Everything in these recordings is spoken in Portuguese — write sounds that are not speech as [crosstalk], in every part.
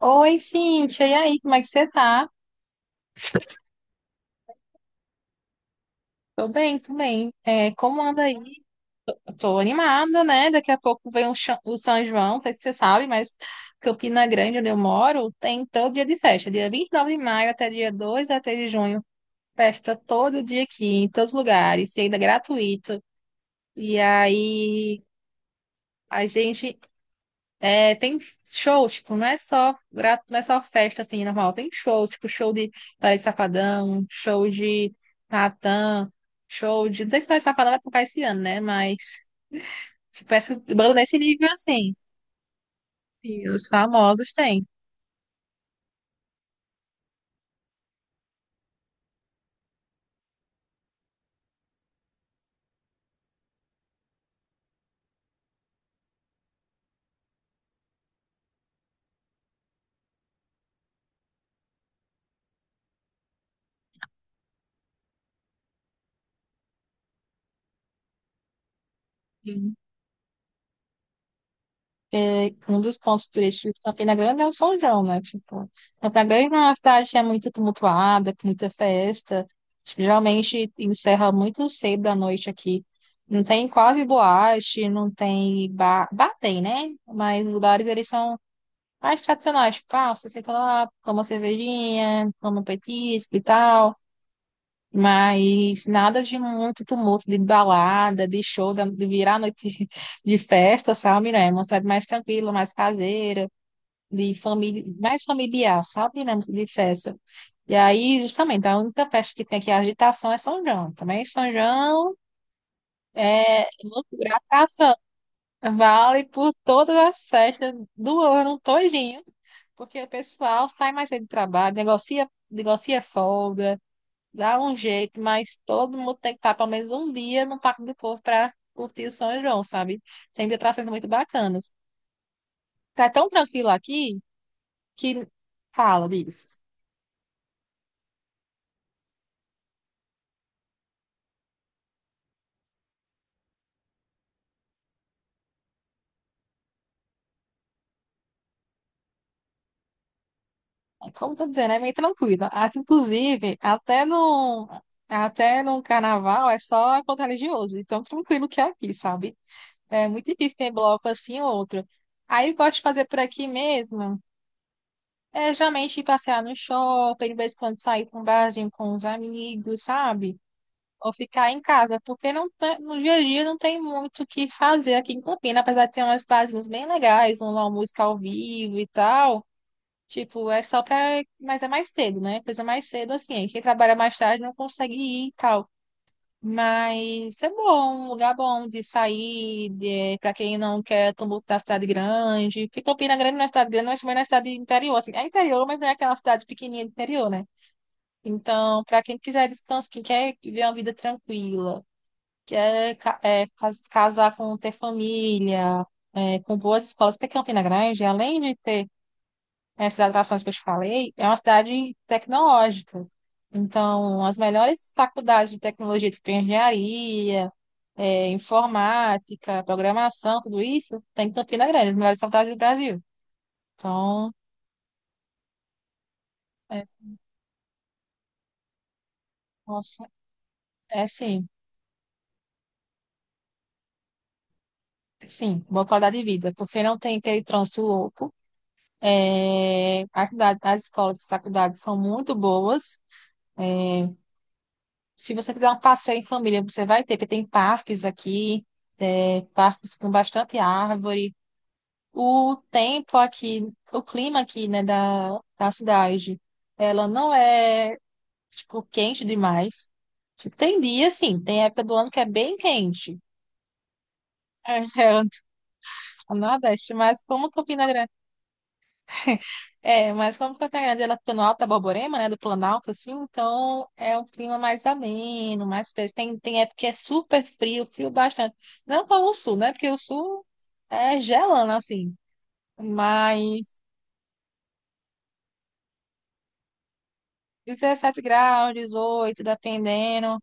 Oi, Cíntia, e aí, como é que você tá? Tô bem, tô bem. É, como anda aí? Eu tô animada, né? Daqui a pouco vem o São João, não sei se você sabe, mas Campina Grande, onde eu moro, tem todo dia de festa. Dia 29 de maio até dia 2 ou até de junho. Festa todo dia aqui, em todos os lugares, e ainda é gratuito. E aí, a gente é, tem shows, tipo, não é só festa, assim, normal. Tem shows, tipo, show de Paris Safadão, show de Natan, show de... Não sei se Paris Safadão vai tocar esse ano, né? Mas, tipo, essa banda nesse nível, assim, que os famosos têm. Porque um dos pontos turísticos de Campina Grande é o São João, né? Tipo, Campina Grande é uma cidade que é muito tumultuada, com muita festa. Geralmente encerra muito cedo da noite aqui. Não tem quase boate, não tem bar. Bar tem, né? Mas os bares, eles são mais tradicionais. Tipo, ah, você senta lá, toma uma cervejinha, toma um petisco e tal. Mas nada de muito tumulto, de balada, de show, de virar a noite [laughs] de festa, sabe, né? Uma cidade mais tranquila, mais caseira, de família, mais familiar, sabe, né? De festa. E aí, justamente, a única festa que tem aqui, é a agitação, é São João. Também São João é loucura, atração. Vale por todas as festas do ano todinho, porque o pessoal sai mais cedo do trabalho, negocia, negocia folga, dá um jeito, mas todo mundo tem que estar pelo menos um dia no Parque do Povo para curtir o São João, sabe? Tem atrações muito bacanas. Tá tão tranquilo aqui que fala disso. É, como eu tô dizendo, é meio tranquilo. Ah, inclusive, até no carnaval é só encontro religioso. Então, tranquilo que é aqui, sabe? É muito difícil ter bloco assim ou outro. Aí, eu gosto de fazer por aqui mesmo. É, geralmente ir passear no shopping, de vez em quando sair para um barzinho com os amigos, sabe? Ou ficar em casa, porque no dia a dia não tem muito o que fazer aqui em Campina, apesar de ter umas barzinhas bem legais, uma música ao vivo e tal. Tipo, é só pra. Mas é mais cedo, né? Coisa mais cedo, assim. Quem trabalha mais tarde não consegue ir e tal. Mas é bom, um lugar bom de sair, de... pra quem não quer tumulto da cidade grande. Porque Campina Grande não é cidade grande, mas também não é cidade interior, assim. É interior, mas não é aquela cidade pequenininha de interior, né? Então, para quem quiser descanso, quem quer ver uma vida tranquila que é, casar com ter família, é, com boas escolas, porque Campina Grande, além de ter essas atrações que eu te falei, é uma cidade tecnológica. Então, as melhores faculdades de tecnologia, tipo engenharia, é, informática, programação, tudo isso, tem em Campina Grande, as melhores faculdades do Brasil. Então, é, nossa, é sim, sim, boa qualidade de vida, porque não tem aquele trânsito louco. É, as escolas e faculdades são muito boas. É, se você quiser um passeio em família, você vai ter, porque tem parques aqui, é, parques com bastante árvore. O tempo aqui, o clima aqui, né, da cidade, ela não é, tipo, quente demais. Tipo, tem dia, sim, tem época do ano que é bem quente. [laughs] É, é o Nordeste, mas como Campina Grande ela fica no Alto da Borborema, né, do Planalto, assim, então é um clima mais ameno, mais fresco. Tem época que é super frio, frio bastante. Não como o Sul, né, porque o Sul é gelando, assim, mas 17 graus, 18, dependendo,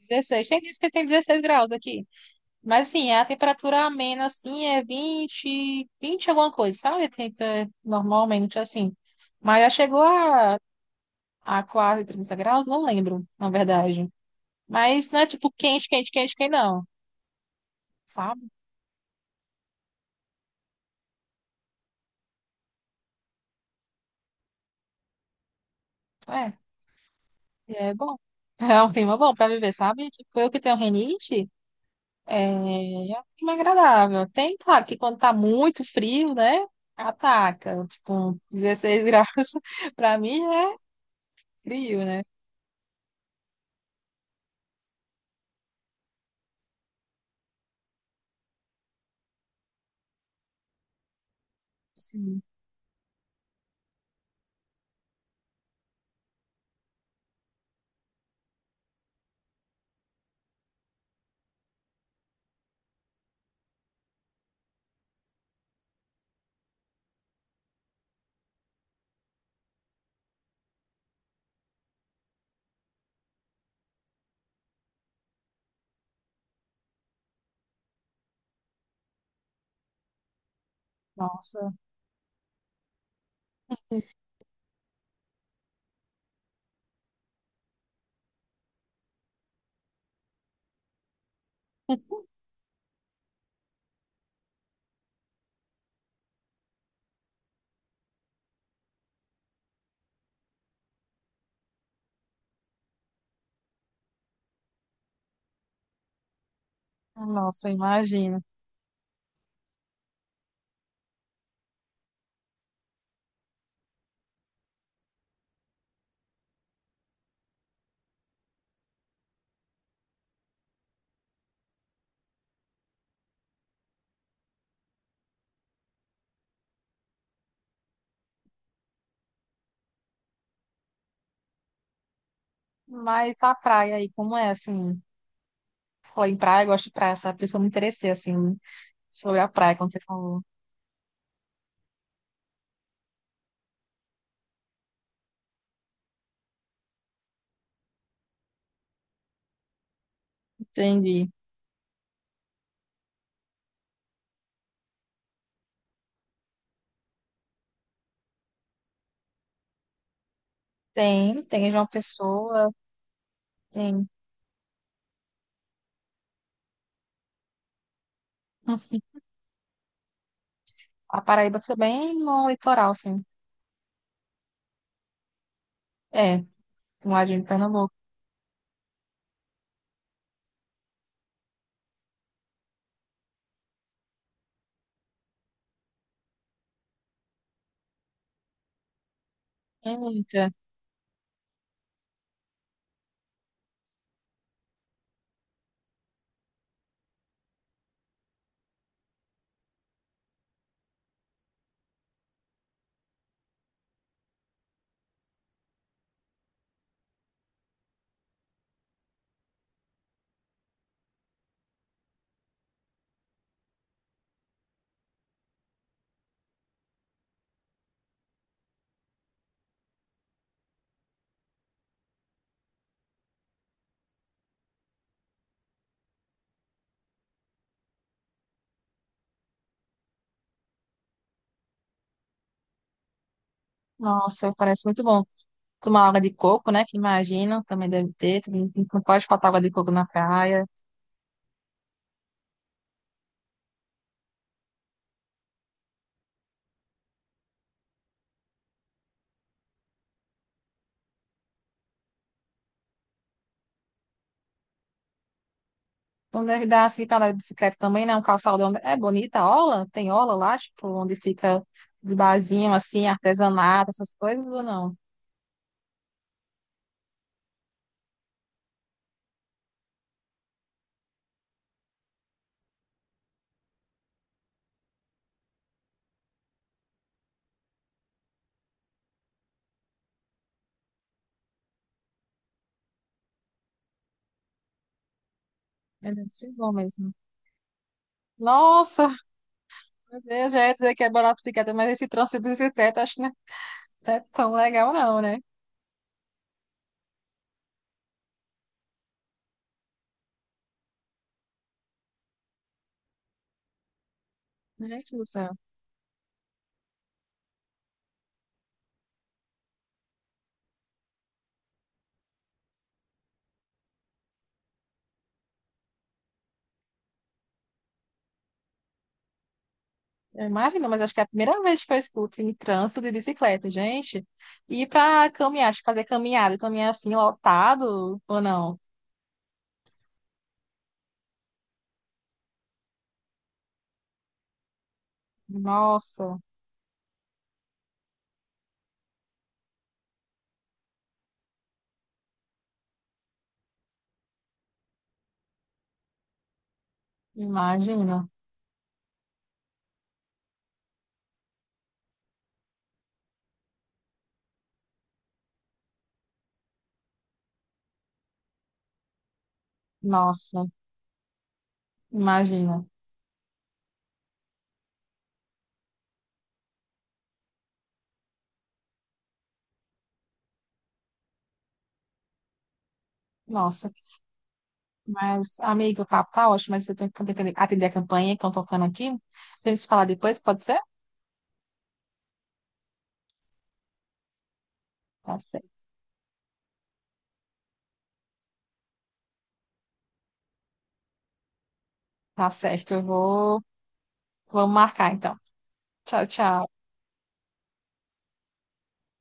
16. Tem dias que tem 16 graus aqui, mas assim, a temperatura amena, assim, é 20, 20 alguma coisa, sabe? Tem, é, normalmente, assim. Mas já chegou a quase 30 graus, não lembro, na verdade. Mas não é tipo quente, quente, quente, quente, não, sabe? É, e é bom. [laughs] É um clima bom pra viver, sabe? Tipo, eu que tenho rinite, é, é um clima agradável. Tem, claro, que quando tá muito frio, né? Ataca. Tipo, um 16 graus [laughs] pra mim é frio, né? Sim, nossa. [laughs] Nossa, imagina. Mas a praia aí, como é assim? Falei em praia, eu gosto de praia, sabe? Por isso eu me interessei, assim, sobre a praia, quando você falou. Entendi. Tem, tem João Pessoa, tem. Hum. A Paraíba foi bem no litoral, sim. É, no ladinho de Pernambuco. Eita, nossa, parece muito bom. Tomar água de coco, né? Que imagino, também deve ter. Também não pode faltar água de coco na praia. Não deve dar assim pra andar de bicicleta também, né? Um calçadão. É bonita a orla? Tem orla lá, tipo, onde fica os barzinhos, assim, artesanato, essas coisas ou não? É, deve ser bom mesmo. Nossa, meu Deus, já ia dizer que é barato bicicleta, mas esse trânsito de bicicleta, acho que não é tão legal não, né? Gente do céu. Eu imagino, mas acho que é a primeira vez que eu escuto em trânsito de bicicleta, gente. E pra caminhar, acho que fazer caminhada, caminhar assim, lotado ou não? Nossa, imagina. Nossa, imagina. Nossa, mas, amigo, o papo tá ótimo, mas eu tenho que atender a campanha que estão tocando aqui. A gente se falar depois, pode ser? Tá certo. Tá certo, eu vou... Vamos marcar então. Tchau, tchau.